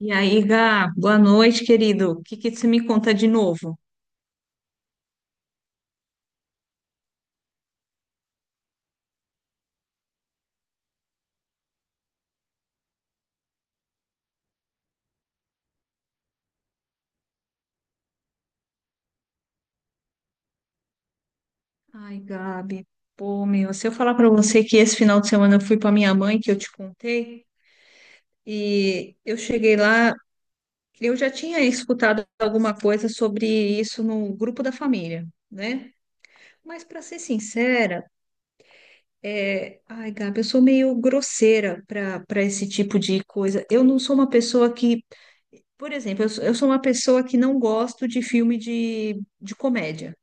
E aí, Gá, boa noite, querido. O que que você me conta de novo? Ai, Gabi, pô, meu, se eu falar pra você que esse final de semana eu fui pra minha mãe, que eu te contei, e eu cheguei lá, eu já tinha escutado alguma coisa sobre isso no grupo da família, né? Mas pra ser sincera, ai, Gabi, eu sou meio grosseira pra para esse tipo de coisa. Eu não sou uma pessoa que, por exemplo, eu sou uma pessoa que não gosto de filme de comédia.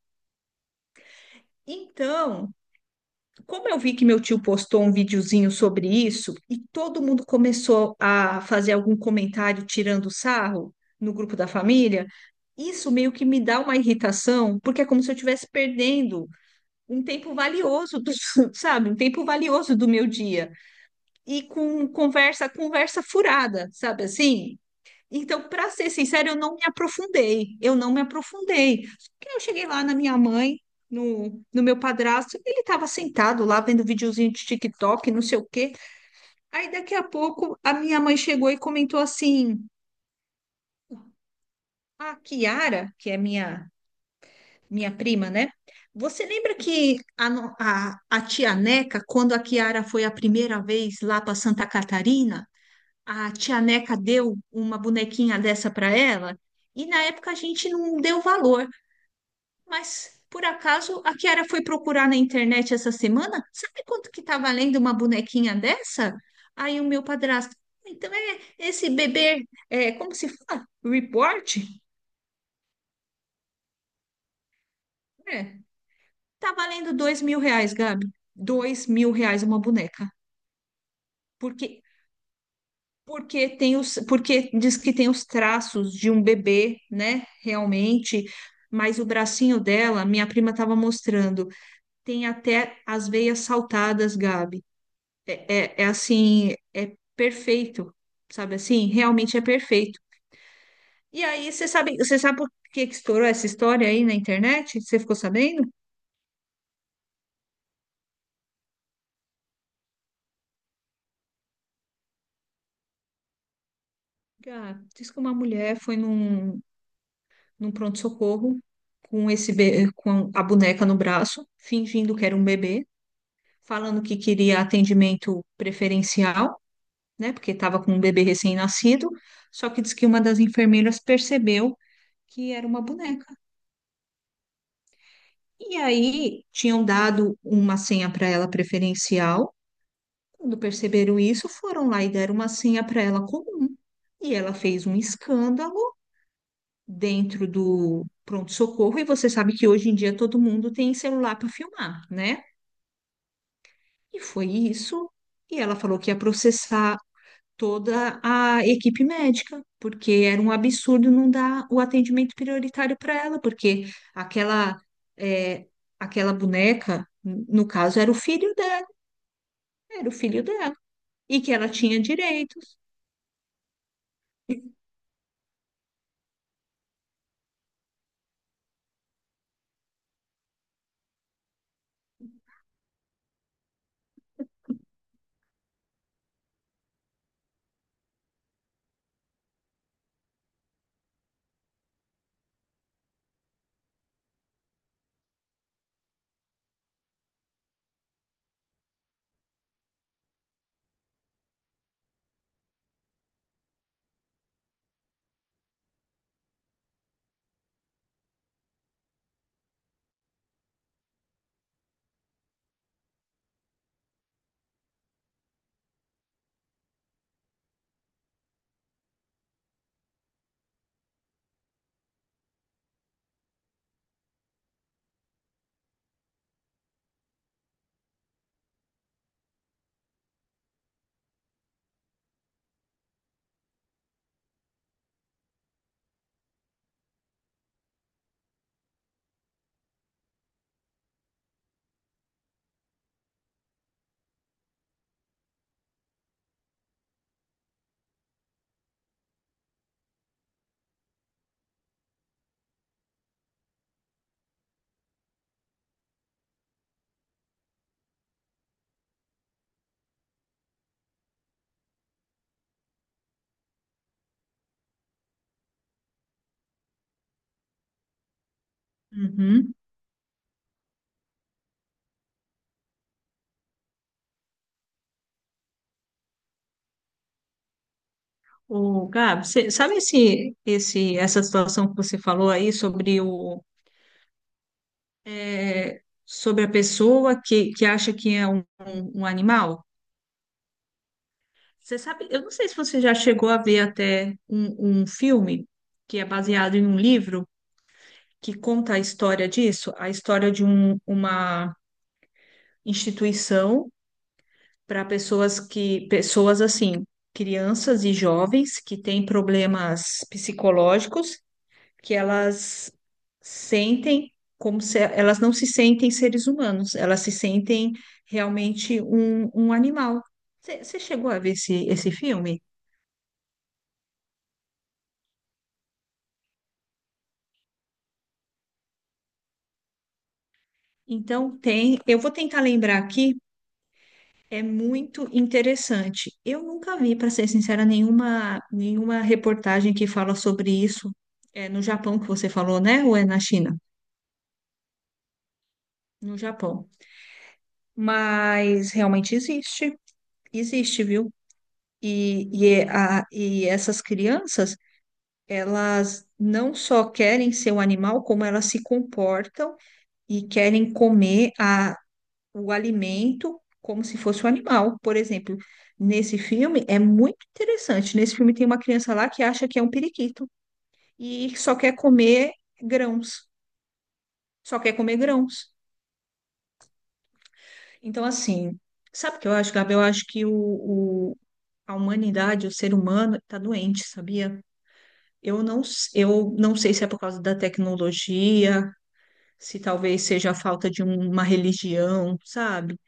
Então, como eu vi que meu tio postou um videozinho sobre isso e todo mundo começou a fazer algum comentário tirando sarro no grupo da família, isso meio que me dá uma irritação, porque é como se eu estivesse perdendo um tempo valioso, sabe? Um tempo valioso do meu dia. E com conversa furada, sabe assim? Então, para ser sincero, eu não me aprofundei. Eu não me aprofundei. Só que eu cheguei lá na minha mãe, no meu padrasto, ele estava sentado lá vendo videozinho de TikTok, não sei o quê. Aí daqui a pouco a minha mãe chegou e comentou assim: "A Kiara, que é minha prima, né? Você lembra que a, no- a tia Neca, quando a Kiara foi a primeira vez lá para Santa Catarina, a tia Neca deu uma bonequinha dessa para ela? E na época a gente não deu valor. Mas por acaso a Kiara foi procurar na internet essa semana? Sabe quanto que tá valendo uma bonequinha dessa? Aí o meu padrasto, então é esse bebê, é, como se fala? Report? É, tá valendo R$ 2.000, Gabi. R$ 2.000 uma boneca. Porque, porque porque diz que tem os traços de um bebê, né? Realmente. Mas o bracinho dela, minha prima estava mostrando, tem até as veias saltadas, Gabi. É, é assim, é perfeito, sabe assim? Realmente é perfeito. E aí, você sabe por que que estourou essa história aí na internet? Você ficou sabendo? Ah, diz que uma mulher foi num pronto-socorro com com a boneca no braço, fingindo que era um bebê, falando que queria atendimento preferencial, né? Porque estava com um bebê recém-nascido. Só que diz que uma das enfermeiras percebeu que era uma boneca. E aí tinham dado uma senha para ela preferencial. Quando perceberam isso, foram lá e deram uma senha para ela comum. E ela fez um escândalo dentro do pronto-socorro. E você sabe que hoje em dia todo mundo tem celular para filmar, né? E foi isso. E ela falou que ia processar toda a equipe médica, porque era um absurdo não dar o atendimento prioritário para ela, porque aquela, é, aquela boneca, no caso, era o filho dela. Era o filho dela. E que ela tinha direitos. Uhum. O Gabi, você sabe essa situação que você falou aí sobre sobre a pessoa que acha que é um animal? Você sabe, eu não sei se você já chegou a ver até um filme que é baseado em um livro que conta a história disso, a história de uma instituição para pessoas que, pessoas assim, crianças e jovens que têm problemas psicológicos, que elas sentem como se elas não se sentem seres humanos, elas se sentem realmente um animal. Você chegou a ver esse filme? Então tem, eu vou tentar lembrar aqui, é muito interessante. Eu nunca vi, para ser sincera, nenhuma reportagem que fala sobre isso. É no Japão que você falou, né? Ou é na China? No Japão. Mas realmente existe, existe, viu? E essas crianças, elas não só querem ser um animal, como elas se comportam e querem comer o alimento como se fosse um animal. Por exemplo, nesse filme é muito interessante. Nesse filme tem uma criança lá que acha que é um periquito e só quer comer grãos, só quer comer grãos. Então, assim, sabe o que eu acho, Gabi? Eu acho que a humanidade, o ser humano, está doente, sabia? Eu não sei se é por causa da tecnologia, se talvez seja a falta de uma religião, sabe?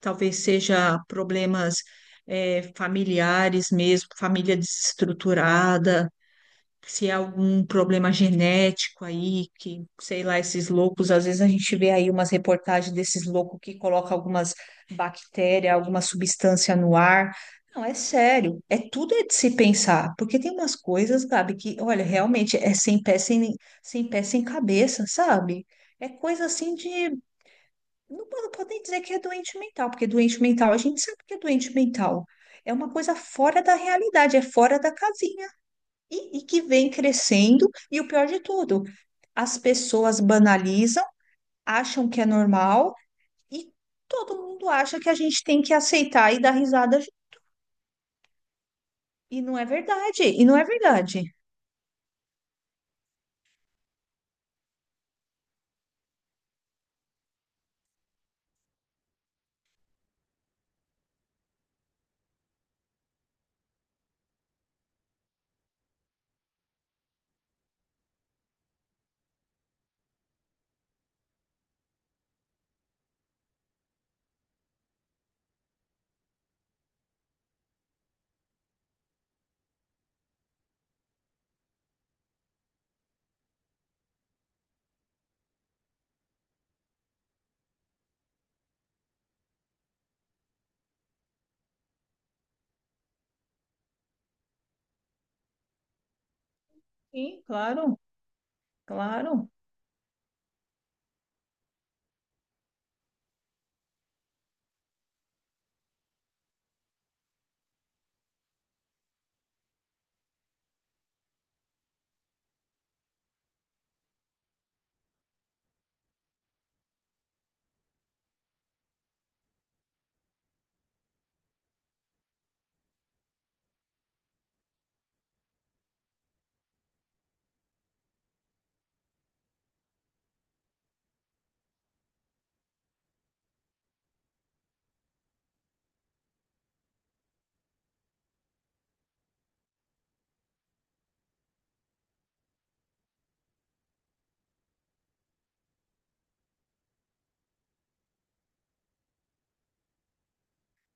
Talvez seja problemas, familiares mesmo, família desestruturada, se é algum problema genético aí, que, sei lá, esses loucos, às vezes a gente vê aí umas reportagens desses loucos que colocam algumas bactérias, alguma substância no ar. Não, é sério, é tudo é de se pensar, porque tem umas coisas, Gabi, que, olha, realmente é sem pé, sem cabeça, sabe? É coisa assim de, não, não podem dizer que é doente mental, porque doente mental, a gente sabe que é doente mental. É uma coisa fora da realidade, é fora da casinha e que vem crescendo. E o pior de tudo, as pessoas banalizam, acham que é normal e todo mundo acha que a gente tem que aceitar e dar risada. E não é verdade, e não é verdade. Sim, claro, claro.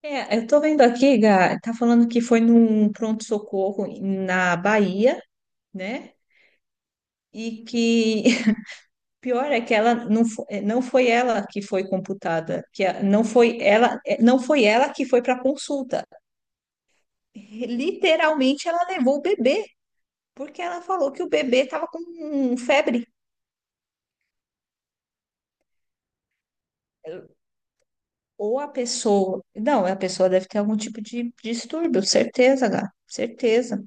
É, eu tô vendo aqui, Gá, tá falando que foi num pronto-socorro na Bahia, né? E que o pior é que ela não foi, não foi ela que foi computada, não foi ela, não foi ela que foi para consulta. Literalmente, ela levou o bebê, porque ela falou que o bebê estava com febre. Ou a pessoa. Não, a pessoa deve ter algum tipo de distúrbio, certeza, Gá, certeza.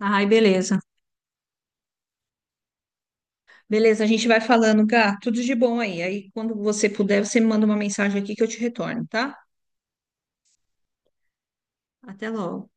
Ai, beleza. Beleza, a gente vai falando, Gá. Tudo de bom aí. Aí, quando você puder, você me manda uma mensagem aqui que eu te retorno, tá? Até logo.